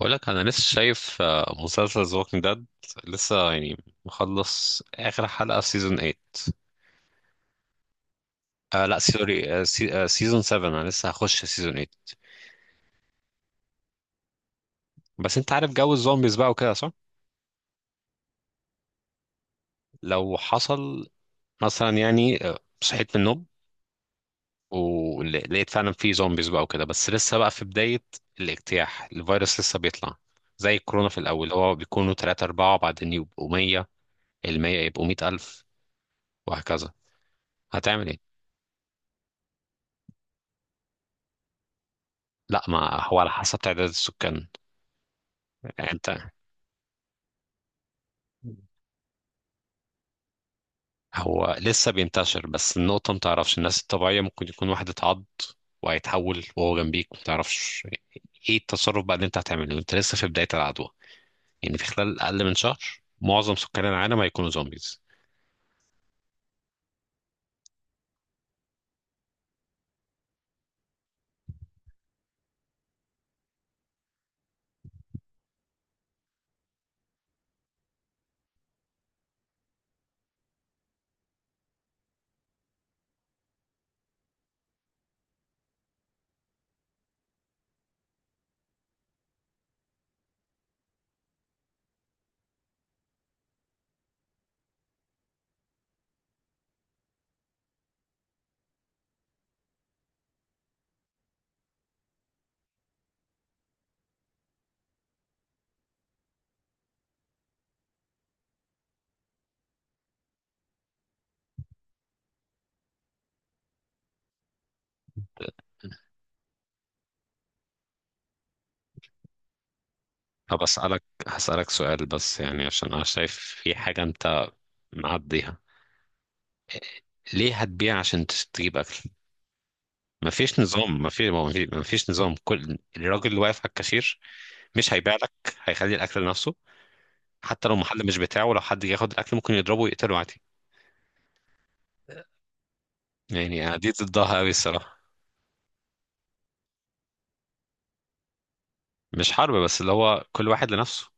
بقول لك انا لسه شايف مسلسل ذا ووكينج ديد، لسه يعني مخلص اخر حلقه في سيزون 8. آه لا سوري، سيزون 7، انا لسه هخش سيزون 8. بس انت عارف جو الزومبيز بقى وكده صح؟ لو حصل مثلا يعني صحيت من النوم ولقيت فعلا في زومبيز بقى وكده، بس لسه بقى في بدايه الاجتياح، الفيروس لسه بيطلع، زي الكورونا في الاول هو بيكونوا 3 4 بعدين يبقوا 100، ال 100 يبقوا 100 الف وهكذا. هتعمل ايه؟ لا ما هو على حسب تعداد السكان. يعني انت. هو لسه بينتشر، بس النقطة متعرفش، الناس الطبيعية ممكن يكون واحد اتعض وهيتحول وهو جنبيك متعرفش. ايه التصرف بقى اللي انت هتعمله؟ انت لسه في بداية العدوى، يعني في خلال أقل من شهر معظم سكان العالم هيكونوا زومبيز. طب أسألك، هسألك سؤال بس يعني، عشان أنا شايف في حاجة انت معديها. ليه هتبيع عشان تجيب أكل؟ مفيش نظام، مفيش نظام، كل الراجل اللي واقف على الكاشير مش هيبيع لك، هيخلي الأكل لنفسه. حتى لو المحل مش بتاعه، لو حد جه ياخد الاكل ممكن يضربه ويقتله عادي. يعني أنا دي ضدها قوي الصراحه. مش حرب، بس اللي هو كل واحد لنفسه.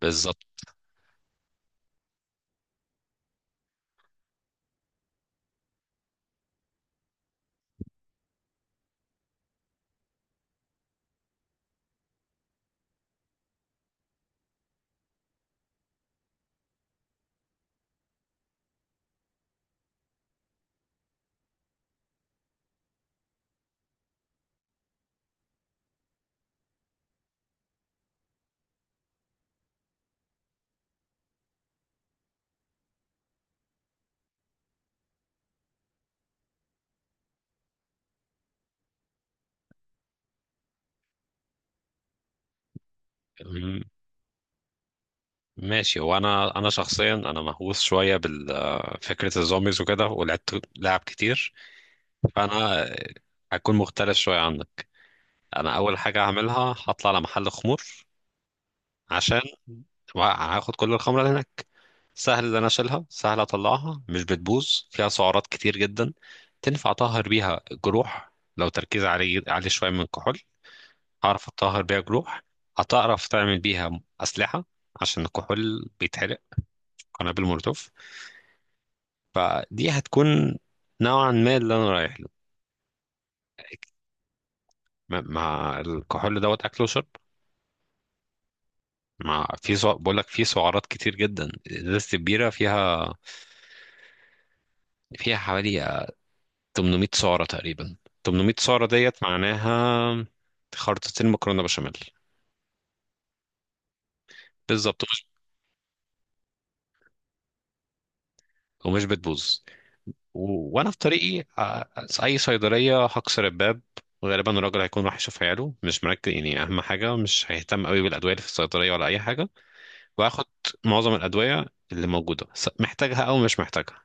بالظبط. م- ماشي. هو انا شخصيا انا مهووس شويه بفكره الزومبيز وكده، ولعبت لعب كتير، فانا هكون مختلف شويه عنك. انا اول حاجه هعملها هطلع على محل خمور، عشان وهاخد كل الخمره اللي هناك. سهل ان انا اشيلها، سهل اطلعها، مش بتبوظ، فيها سعرات كتير جدا، تنفع اطهر بيها جروح، لو تركيز عليه شويه من الكحول، هعرف اطهر بيها جروح. هتعرف تعمل بيها اسلحه عشان الكحول بيتحرق، قنابل مولوتوف. فدي هتكون نوعا ما اللي انا رايح له. مع الكحول دوت اكل وشرب. بقول لك في سعرات كتير جدا، ازازه البيره فيها حوالي 800 سعرة تقريبا. 800 سعرة ديت معناها خرطتين مكرونة بشاميل. بالظبط. ومش بتبوظ. و... وانا في طريقي اي صيدلية هكسر الباب. غالبا الراجل هيكون راح يشوف عياله، مش مركز يعني، اهم حاجة مش هيهتم قوي بالادوية اللي في الصيدلية ولا اي حاجة. واخد معظم الادوية اللي موجودة، محتاجها او مش محتاجها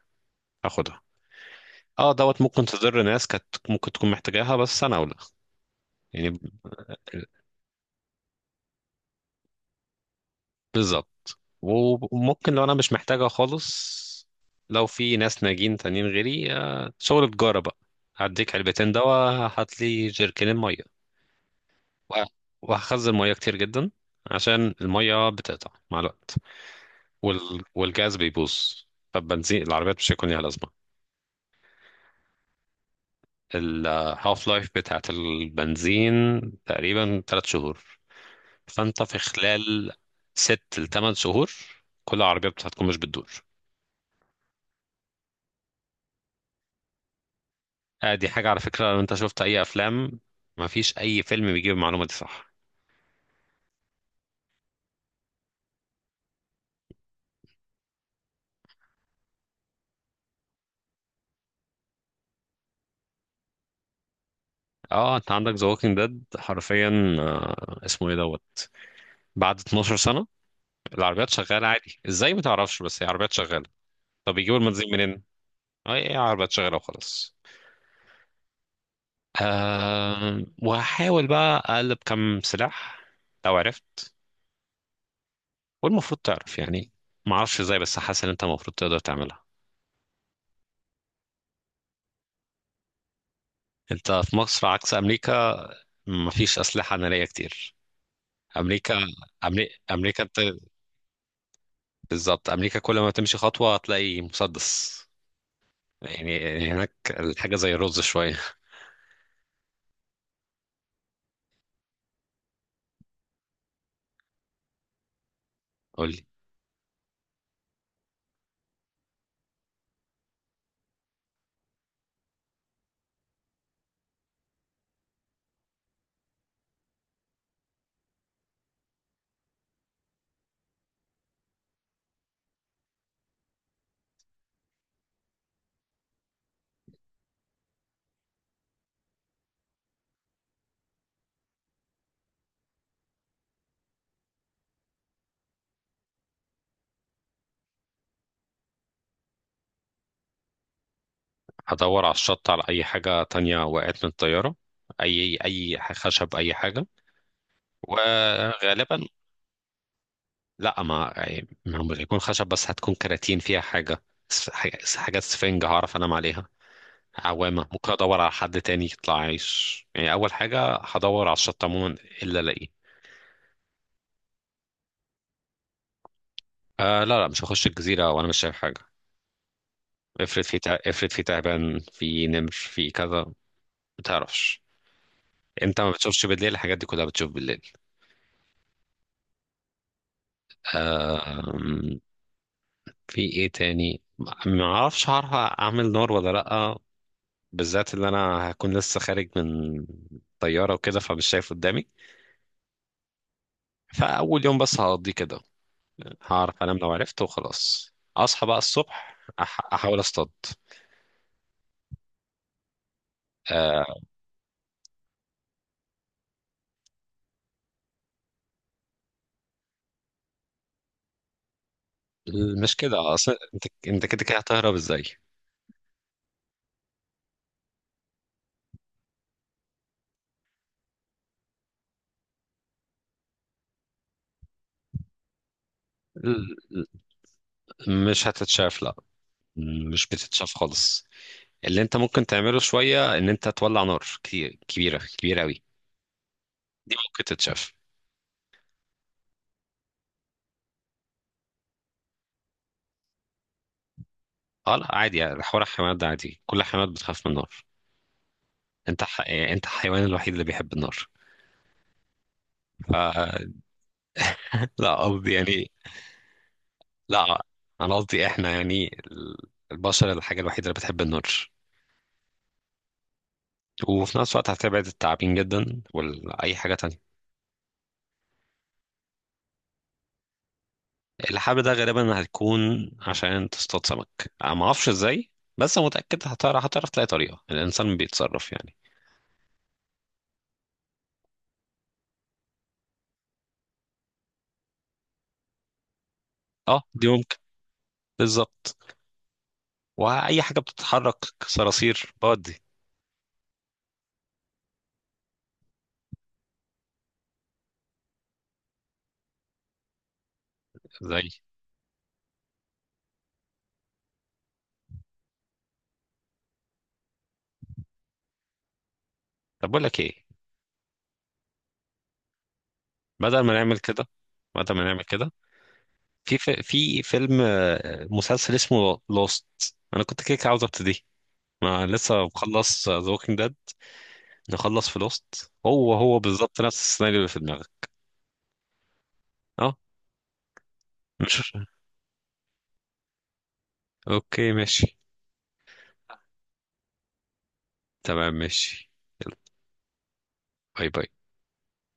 اخدها. اه دوت ممكن تضر ناس كانت ممكن تكون محتاجاها، بس انا اولى، يعني بالظبط. وممكن لو انا مش محتاجها خالص، لو في ناس ناجين تانيين غيري شغل تجارة بقى، هديك علبتين دواء، هات لي جيركنين مية. وه- وهخزن مية كتير جدا عشان المية بتقطع مع الوقت. والجاز بيبوظ، فالبنزين العربيات مش هيكون ليها لازمة. الهاف لايف بتاعت البنزين تقريبا تلات شهور، فانت في خلال ست لتمن شهور كل العربيات هتكون مش بتدور. دي حاجة على فكرة، لو انت شفت اي افلام مفيش اي فيلم بيجيب المعلومة دي، صح؟ اه، انت عندك ذا ووكينج ديد حرفيا، اسمه ايه دوت، بعد 12 سنة العربيات شغالة عادي ازاي، ما تعرفش، بس هي عربيات شغالة. طب بيجيبوا المنزل منين؟ اه ايه، عربيات شغالة وخلاص. آه، وهحاول بقى اقلب كم سلاح لو عرفت، والمفروض تعرف يعني. ما اعرفش ازاي، بس حاسس ان انت المفروض تقدر تعملها. انت في مصر عكس امريكا، مفيش اسلحة نارية كتير. امريكا، امريكا انت، بالظبط، امريكا كل ما تمشي خطوه هتلاقي مسدس، يعني هناك الحاجه زي الرز شويه. قول لي. هدور على الشط على اي حاجه تانية وقعت من الطياره، اي خشب، اي حاجه. وغالبا، لا، ما يعني ما هو مش هيكون خشب بس هتكون كراتين فيها حاجه، حاجات سفنج هعرف انام عليها، عوامه. ممكن ادور على حد تاني يطلع عايش، يعني اول حاجه هدور على الشط عموما الا الاقيه. آه لا لا، مش هخش الجزيره وانا مش شايف حاجه. افرض في تعبان، في نمر، في كذا، ما بتعرفش، انت ما بتشوفش بالليل، الحاجات دي كلها بتشوف بالليل. أم... في ايه تاني، ما اعرفش هعرف اعمل نار ولا لا، بالذات اللي انا هكون لسه خارج من طيارة وكده فمش شايف قدامي. فاول يوم بس هقضيه كده، هعرف انام لو عرفت، وخلاص اصحى بقى الصبح احاول اصطاد. أه... مش كده، اصل انت كده كده هتهرب ازاي؟ ال- مش هتتشاف، لا، مش بتتشاف خالص. اللي انت ممكن تعمله شويه ان انت تولع نار كتير كبيره كبيره قوي، دي ممكن تتشاف. اه لا عادي، يعني حوار الحيوانات ده عادي، كل الحيوانات بتخاف من النار. يعني انت الحيوان الوحيد اللي بيحب النار. ف... لا قصدي يعني، لا انا قصدي، احنا يعني البشر الحاجه الوحيده اللي بتحب النار، وفي نفس الوقت هتبعد التعابين جدا واي حاجه تانية. اللحاب ده غالبا هتكون عشان تصطاد سمك، انا ما اعرفش ازاي، بس متاكد هتعرف تلاقي طريقه، الانسان بيتصرف يعني. اه دي، بالظبط، واي حاجه بتتحرك صراصير بودي. زي. طب بقول لك ايه، بدل ما نعمل كده بدل ما نعمل كده، في فيلم مسلسل اسمه لوست. انا كنت كده كده عاوز ابتدي، ما لسه مخلص ذا ووكينج ديد، نخلص في لوست. هو هو بالظبط نفس السيناريو اللي في دماغك. اه. مش. اوكي ماشي. تمام ماشي. يلا. باي باي.